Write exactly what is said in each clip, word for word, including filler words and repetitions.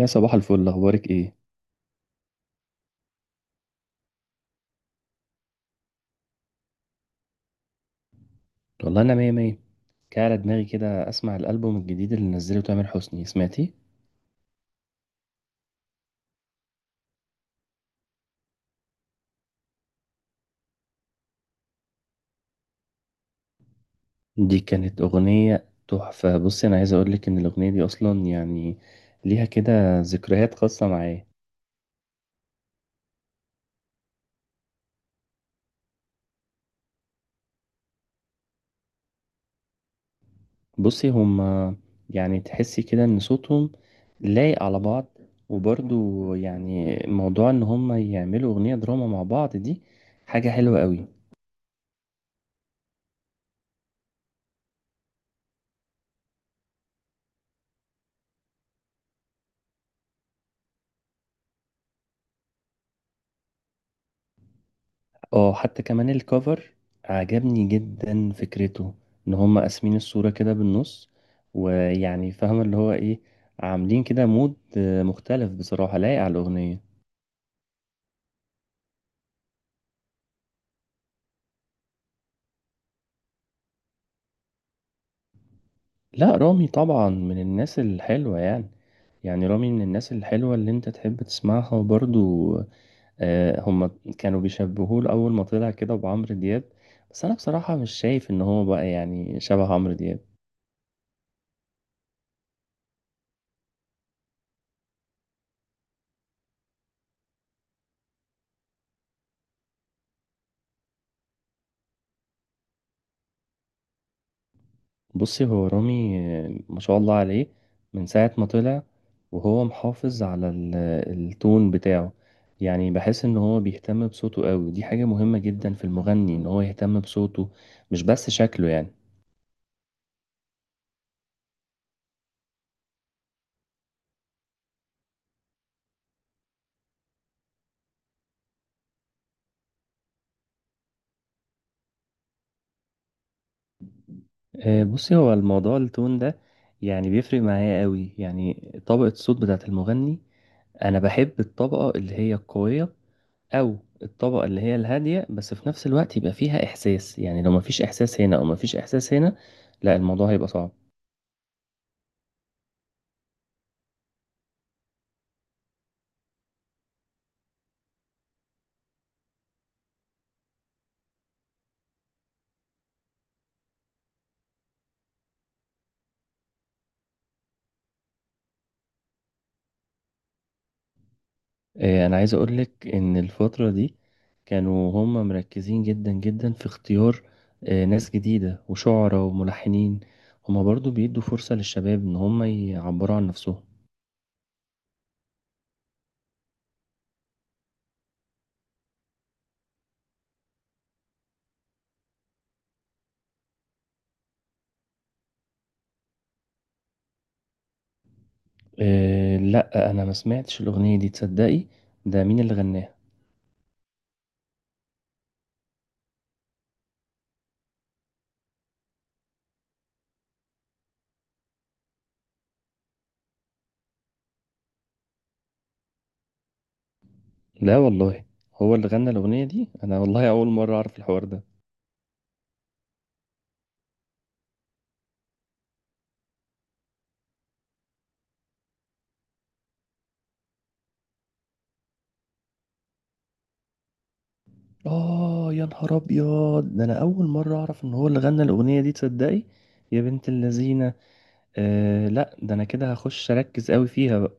يا صباح الفل، اخبارك ايه؟ والله انا مية مية. كان على دماغي كده اسمع الالبوم الجديد اللي نزله تامر حسني، سمعتي؟ دي كانت اغنية تحفة. بصي، انا عايز اقولك ان الاغنية دي اصلا يعني ليها كده ذكريات خاصة معايا. بصي، هما يعني تحسي كده ان صوتهم لايق على بعض. وبرضو يعني موضوع ان هما يعملوا اغنية دراما مع بعض دي حاجة حلوة قوي. اه، حتى كمان الكفر عجبني جدا فكرته، ان هم قاسمين الصورة كده بالنص. ويعني فاهم اللي هو ايه، عاملين كده مود آه، مختلف، بصراحة لايق على الأغنية. لا، رامي طبعا من الناس الحلوة يعني. يعني رامي من الناس الحلوة اللي انت تحب تسمعها. وبرضو آه، هم كانوا بيشبهوه لأول ما طلع كده بعمرو دياب. بس انا بصراحة مش شايف ان هو بقى يعني شبه عمرو دياب. بصي، هو رامي ما شاء الله عليه، من ساعة ما طلع وهو محافظ على ال- التون بتاعه. يعني بحس ان هو بيهتم بصوته قوي، ودي حاجة مهمة جدا في المغني ان هو يهتم بصوته، مش بس شكله يعني. آه، بصي، هو الموضوع التون ده يعني بيفرق معايا قوي، يعني طبقة الصوت بتاعة المغني. انا بحب الطبقة اللي هي القوية، او الطبقة اللي هي الهادية، بس في نفس الوقت يبقى فيها احساس. يعني لو مفيش احساس هنا او مفيش احساس هنا، لا الموضوع هيبقى صعب. آه، انا عايز اقولك ان الفترة دي كانوا هم مركزين جدا جدا في اختيار آه، ناس جديدة وشعراء وملحنين. هم برضو بيدوا فرصة للشباب ان هم يعبروا عن نفسهم. آه، لا انا ما سمعتش الاغنية دي، تصدقي؟ ده مين اللي غناها؟ لا والله، هو اللي غنى الاغنية دي؟ انا والله اول مرة اعرف الحوار ده. اه يا نهار ابيض، ده انا اول مرة اعرف ان هو اللي غنى الاغنية دي، تصدقي؟ يا بنت اللذينة. آه لا، ده انا كده هخش اركز قوي فيها بقى.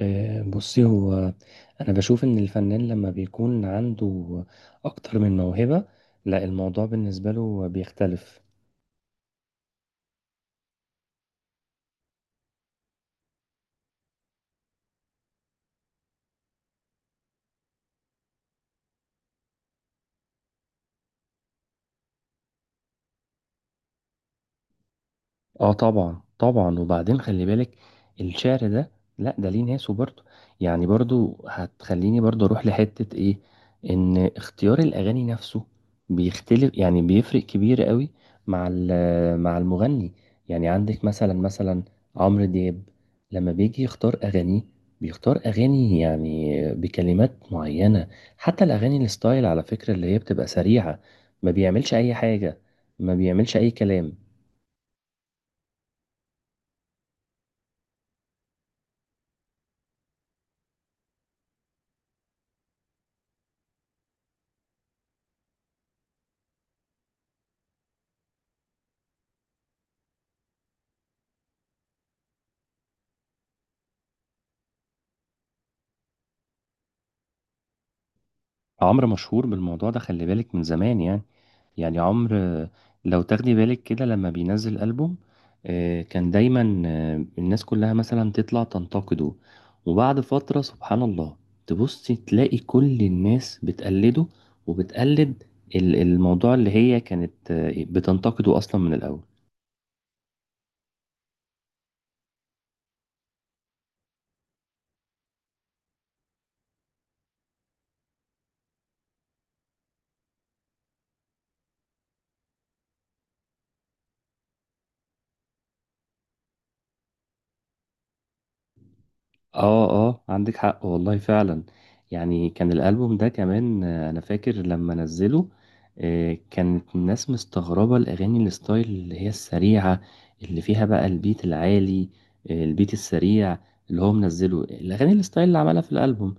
آه، بصي هو، أنا بشوف إن الفنان لما بيكون عنده أكتر من موهبة، لا الموضوع بالنسبة له بيختلف. اه، طبعا طبعا، وبعدين خلي بالك الشعر ده، لا ده ليه ناسه برضه. يعني برضه هتخليني برضه اروح لحتة ايه، ان اختيار الاغاني نفسه بيختلف. يعني بيفرق كبير قوي مع ال- مع المغني. يعني عندك مثلا مثلا عمرو دياب، لما بيجي يختار اغانيه، بيختار اغاني يعني بكلمات معينة. حتى الاغاني الستايل على فكرة اللي هي بتبقى سريعة، ما بيعملش اي حاجة، ما بيعملش اي كلام. عمرو مشهور بالموضوع ده، خلي بالك، من زمان يعني. يعني عمرو، آه، لو تاخدي بالك كده لما بينزل ألبوم، آه، كان دايما آه، الناس كلها مثلا تطلع تنتقده، وبعد فترة سبحان الله تبصي تلاقي كل الناس بتقلده، وبتقلد ال- الموضوع اللي هي كانت آه، بتنتقده أصلا من الأول. اه اه، عندك حق والله فعلا. يعني كان الألبوم ده كمان، آه، انا فاكر لما نزله، آه، كانت الناس مستغربة الأغاني الستايل اللي هي السريعة، اللي فيها بقى البيت العالي، آه، البيت السريع، اللي هو منزله الأغاني الستايل اللي عملها في الألبوم.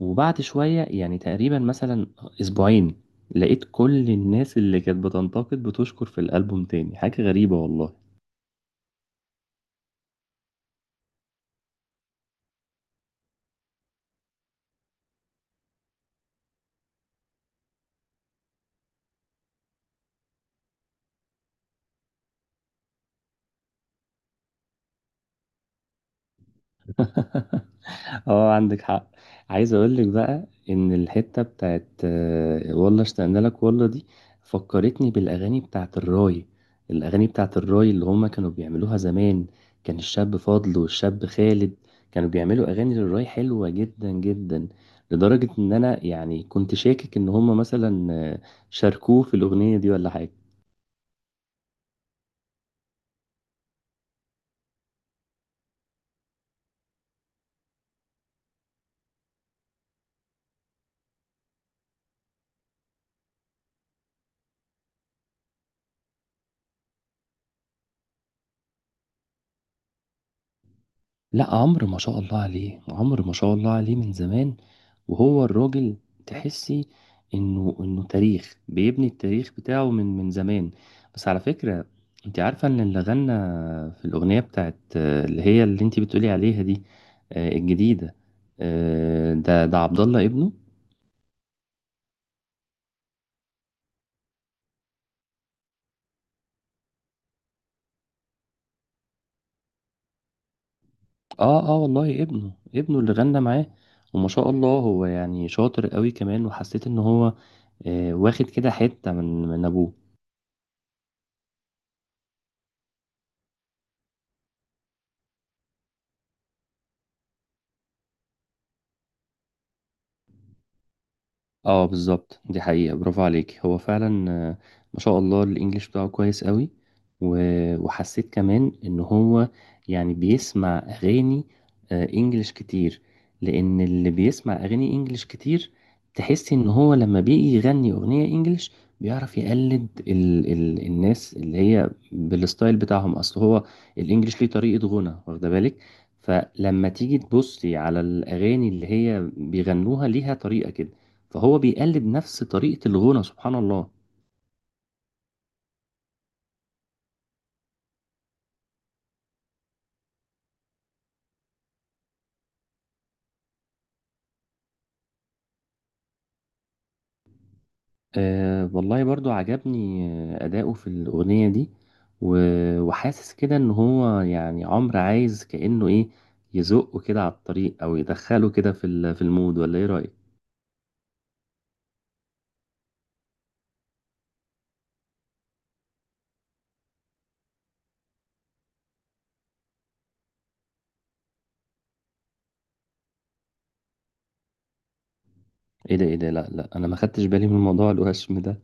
وبعد شوية يعني تقريبا مثلا أسبوعين، لقيت كل الناس اللي كانت بتنتقد بتشكر في الألبوم تاني. حاجة غريبة والله. اه، عندك حق. عايز اقول لك بقى ان الحته بتاعت آه، والله اشتقنا لك والله دي، فكرتني بالاغاني بتاعت الراي. الاغاني بتاعت الراي اللي هما كانوا بيعملوها زمان، كان الشاب فاضل والشاب خالد كانوا بيعملوا اغاني للراي حلوه جدا جدا. لدرجه ان انا يعني كنت شاكك ان هما مثلا آه، شاركوه في الاغنيه دي ولا حاجه. لأ، عمرو ما شاء الله عليه، عمرو ما شاء الله عليه من زمان. وهو الراجل، تحسّي إنه إنه تاريخ، بيبني التاريخ بتاعه من من زمان. بس على فكرة، أنتِ عارفة إن اللي غنّى في الأغنية بتاعة اللي هي اللي أنتِ بتقولي عليها دي، آآ الجديدة، آآ ده ده عبد الله ابنه؟ آه، آه والله ابنه، ابنه اللي غنّى معاه. وما شاء الله هو يعني شاطر أوي كمان، وحسّيت إن هو آآ واخد كده حتّة من من أبوه. اه بالظبط، دي حقيقة، برافو عليك، هو فعلا آه، ما شاء الله الانجليش بتاعه كويس قوي. و- وحسيت كمان ان هو يعني بيسمع اغاني آه، انجليش كتير. لان اللي بيسمع اغاني انجليش كتير، تحس ان هو لما بيجي يغني اغنية انجليش بيعرف يقلد ال ال الناس اللي هي بالستايل بتاعهم. اصل هو الانجليش ليه طريقة غنى، واخده بالك؟ فلما تيجي تبصي على الاغاني اللي هي بيغنوها، ليها طريقة كده. فهو بيقلد نفس طريقة الغنى، سبحان الله. آه والله برضو عجبني آه، أداؤه في الأغنية دي. و- وحاسس كده إن هو يعني عمرو عايز كأنه إيه، يزقه كده على الطريق، أو يدخله كده في ال- في المود، ولا إيه رأيك؟ إيه ده، إيه ده، لا لا، أنا ما خدتش بالي من موضوع الوشم ده.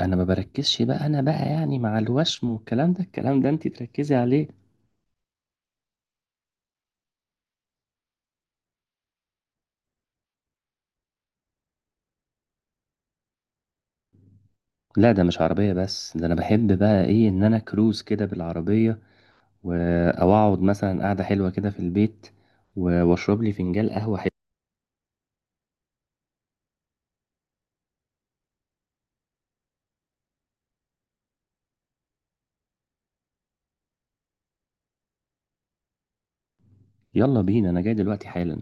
أنا ما بركزش بقى، أنا بقى يعني مع الوشم والكلام ده، الكلام ده أنتي تركزي عليه. لا، ده مش عربية بس، ده أنا بحب بقى إيه، إن أنا كروز كده بالعربية، و- او اقعد مثلا قعده حلوه كده في البيت، و- واشرب لي فنجان قهوه حلو. يلا بينا، انا جاي دلوقتي حالا.